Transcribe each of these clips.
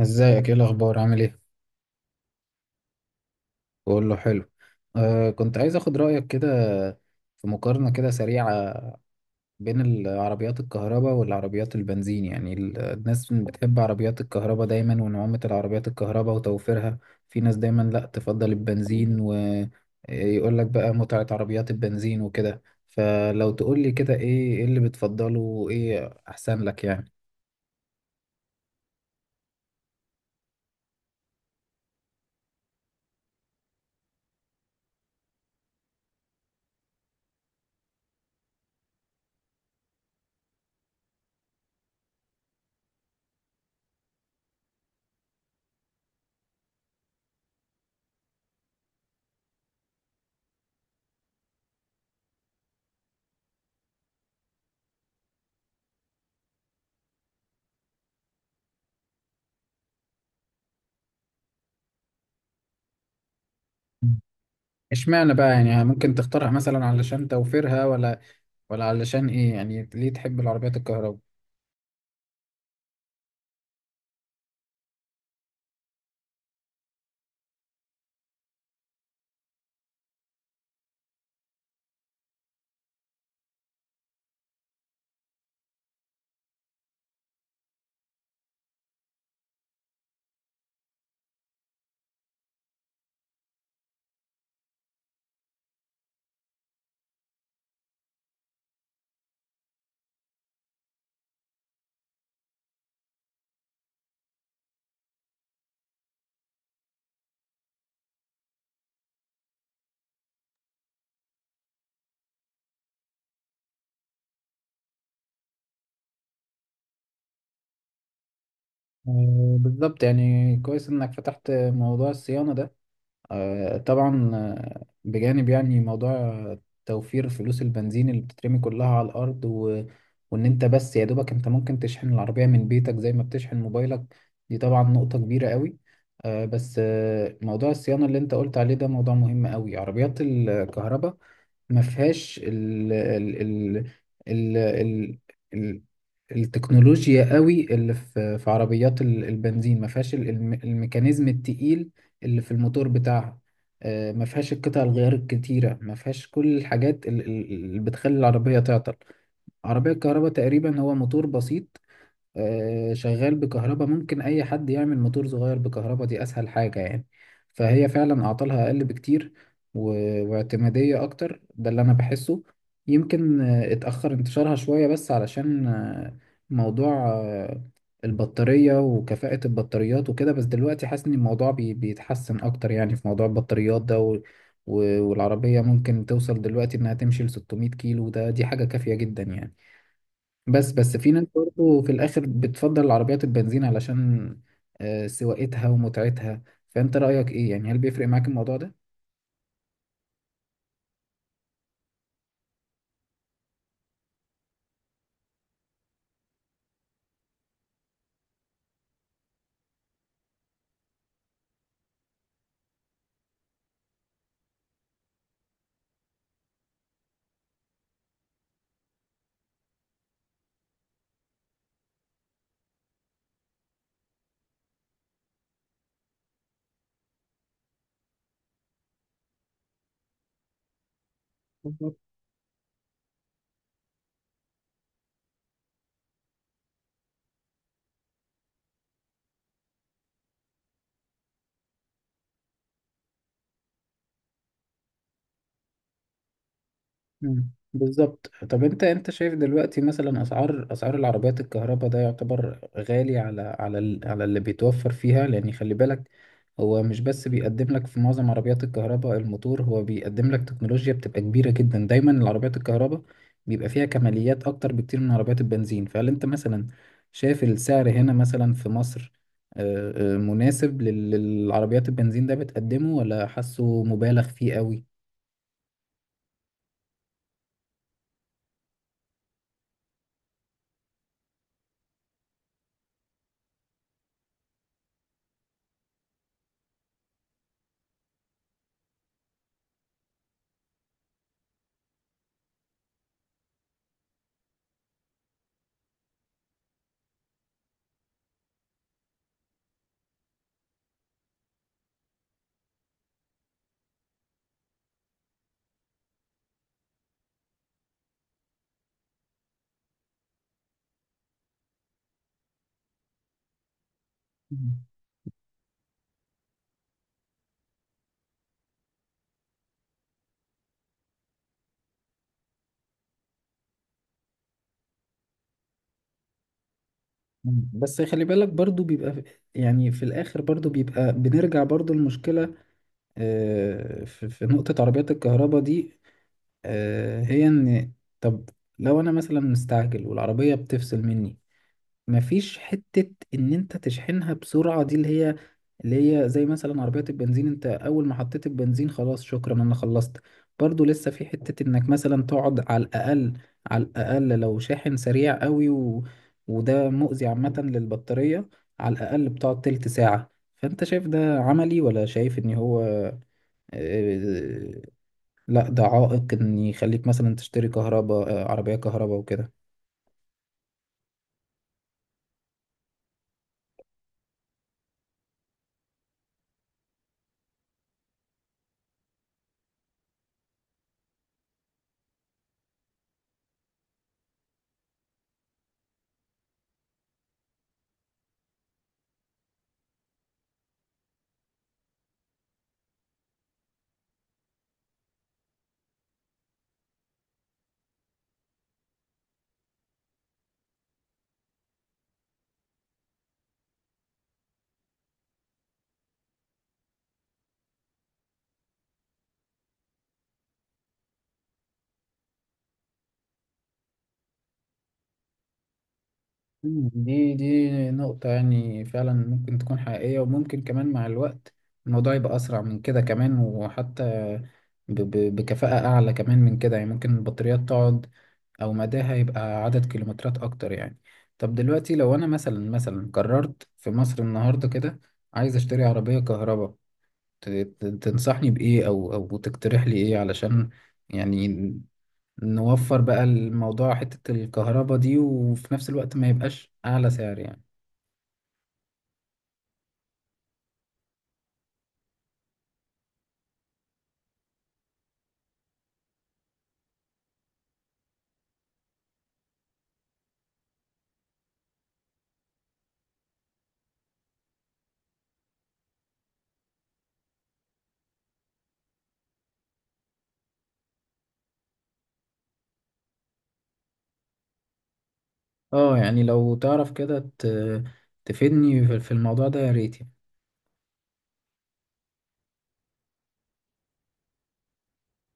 ازيك؟ ايه الاخبار؟ عامل ايه؟ بقول له حلو. كنت عايز اخد رايك كده في مقارنه كده سريعه بين العربيات الكهرباء والعربيات البنزين. يعني الناس بتحب عربيات الكهرباء دايما، ونعومه العربيات الكهرباء وتوفيرها. في ناس دايما لا تفضل البنزين، ويقول لك بقى متعه عربيات البنزين وكده. فلو تقول لي كده، ايه اللي بتفضله، وايه احسن لك يعني؟ اشمعنى بقى؟ يعني ممكن تختارها مثلا علشان توفيرها، ولا علشان ايه؟ يعني ليه تحب العربيات الكهرباء؟ بالظبط، يعني كويس انك فتحت موضوع الصيانة ده. طبعا، بجانب يعني موضوع توفير فلوس البنزين اللي بتترمي كلها على الارض، وان انت بس يا دوبك انت ممكن تشحن العربية من بيتك زي ما بتشحن موبايلك. دي طبعا نقطة كبيرة قوي. بس موضوع الصيانة اللي انت قلت عليه ده موضوع مهم قوي. عربيات الكهرباء ما فيهاش ال ال ال التكنولوجيا قوي اللي في عربيات البنزين. ما فيهاش الميكانيزم التقيل اللي في الموتور بتاعها. ما فيهاش القطع الغيار الكتيرة، ما فيهاش كل الحاجات اللي بتخلي العربية تعطل. عربية الكهرباء تقريبا هو موتور بسيط، شغال بكهرباء. ممكن اي حد يعمل موتور صغير بكهرباء، دي اسهل حاجة يعني. فهي فعلا اعطالها اقل بكتير، واعتمادية اكتر. ده اللي انا بحسه. يمكن اتأخر انتشارها شوية، بس علشان موضوع البطارية وكفاءة البطاريات وكده. بس دلوقتي حاسس ان الموضوع بيتحسن اكتر يعني في موضوع البطاريات ده، والعربية ممكن توصل دلوقتي انها تمشي ل 600 كيلو. دي حاجة كافية جدا يعني. بس بس، في ناس برضه في الآخر بتفضل العربيات البنزين علشان سواقتها ومتعتها. فأنت رأيك إيه يعني؟ هل بيفرق معاك الموضوع ده؟ مم. بالظبط. طب انت شايف دلوقتي، مثلا، اسعار العربيات الكهرباء ده يعتبر غالي على اللي بيتوفر فيها؟ لان خلي بالك، هو مش بس بيقدم لك في معظم عربيات الكهرباء الموتور، هو بيقدم لك تكنولوجيا بتبقى كبيرة جدا. دايما العربيات الكهرباء بيبقى فيها كماليات اكتر بكتير من عربيات البنزين. فهل انت مثلا شايف السعر هنا مثلا في مصر مناسب للعربيات البنزين ده بتقدمه، ولا حاسه مبالغ فيه قوي؟ مم. بس خلي بالك برضو بيبقى يعني في الآخر برضو بيبقى بنرجع برضو المشكلة. في نقطة عربيات الكهرباء دي، هي إن، طب، لو أنا مثلا مستعجل والعربية بتفصل مني، مفيش حتة ان انت تشحنها بسرعة، دي اللي هي زي مثلا عربية البنزين. انت اول ما حطيت البنزين خلاص شكرا انا خلصت. برضو لسه في حتة انك مثلا تقعد على الاقل، لو شاحن سريع قوي، وده مؤذي عامة للبطارية. على الاقل بتقعد تلت ساعة. فانت شايف ده عملي، ولا شايف ان هو آه، لا ده عائق ان يخليك مثلا تشتري كهرباء، عربية كهرباء وكده؟ مم. دي نقطة يعني فعلا ممكن تكون حقيقية، وممكن كمان مع الوقت الموضوع يبقى أسرع من كده كمان، وحتى بكفاءة أعلى كمان من كده. يعني ممكن البطاريات تقعد، أو مداها يبقى عدد كيلومترات أكتر يعني. طب دلوقتي، لو أنا مثلا قررت في مصر النهاردة كده عايز أشتري عربية كهرباء، تنصحني بإيه أو تقترح لي إيه، علشان يعني نوفر بقى الموضوع حتة الكهرباء دي، وفي نفس الوقت ما يبقاش أعلى سعر يعني؟ اه يعني لو تعرف كده تفيدني في الموضوع ده يا ريت.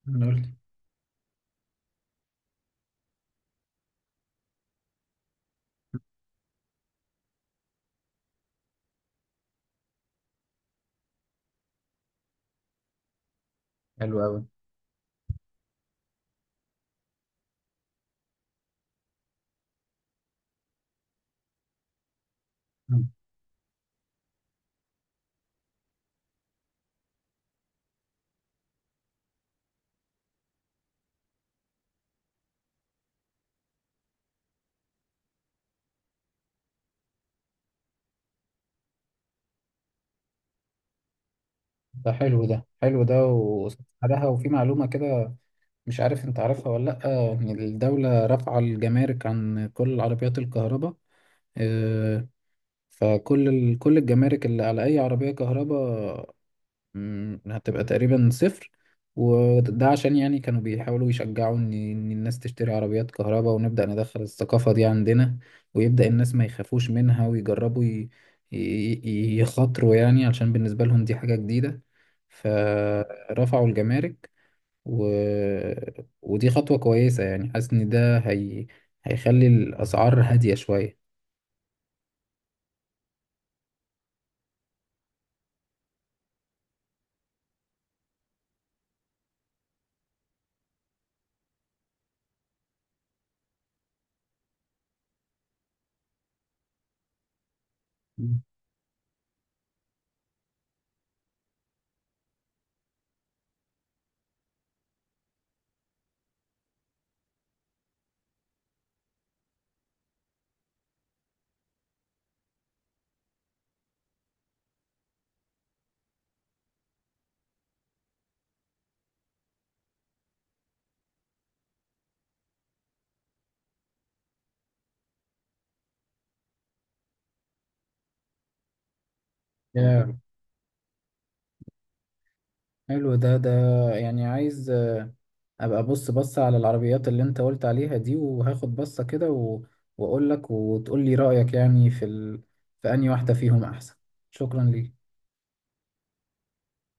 يعني قول لي. حلو أوي. مم. ده حلو، ده حلو، ده وسعرها. وفي معلومة كده، مش عارف انت عارفها ولا لأ، إن الدولة رافعة الجمارك عن كل العربيات الكهرباء. آه، فكل كل الجمارك اللي على أي عربية كهرباء هتبقى تقريبا صفر. وده عشان يعني كانوا بيحاولوا يشجعوا إن الناس تشتري عربيات كهرباء، ونبدأ ندخل الثقافة دي عندنا، ويبدأ الناس ما يخافوش منها ويجربوا ي- يخاطروا يعني، علشان بالنسبة لهم دي حاجة جديدة. فرفعوا الجمارك، و... ودي خطوة كويسة يعني. حاسس ان هيخلي الأسعار هادية شوية. مم. يا حلو ده، يعني عايز ابقى بص بص على العربيات اللي انت قلت عليها دي، وهاخد بصة كده، واقول لك، وتقول لي رأيك، يعني في في انهي واحدة فيهم احسن. شكرا ليك.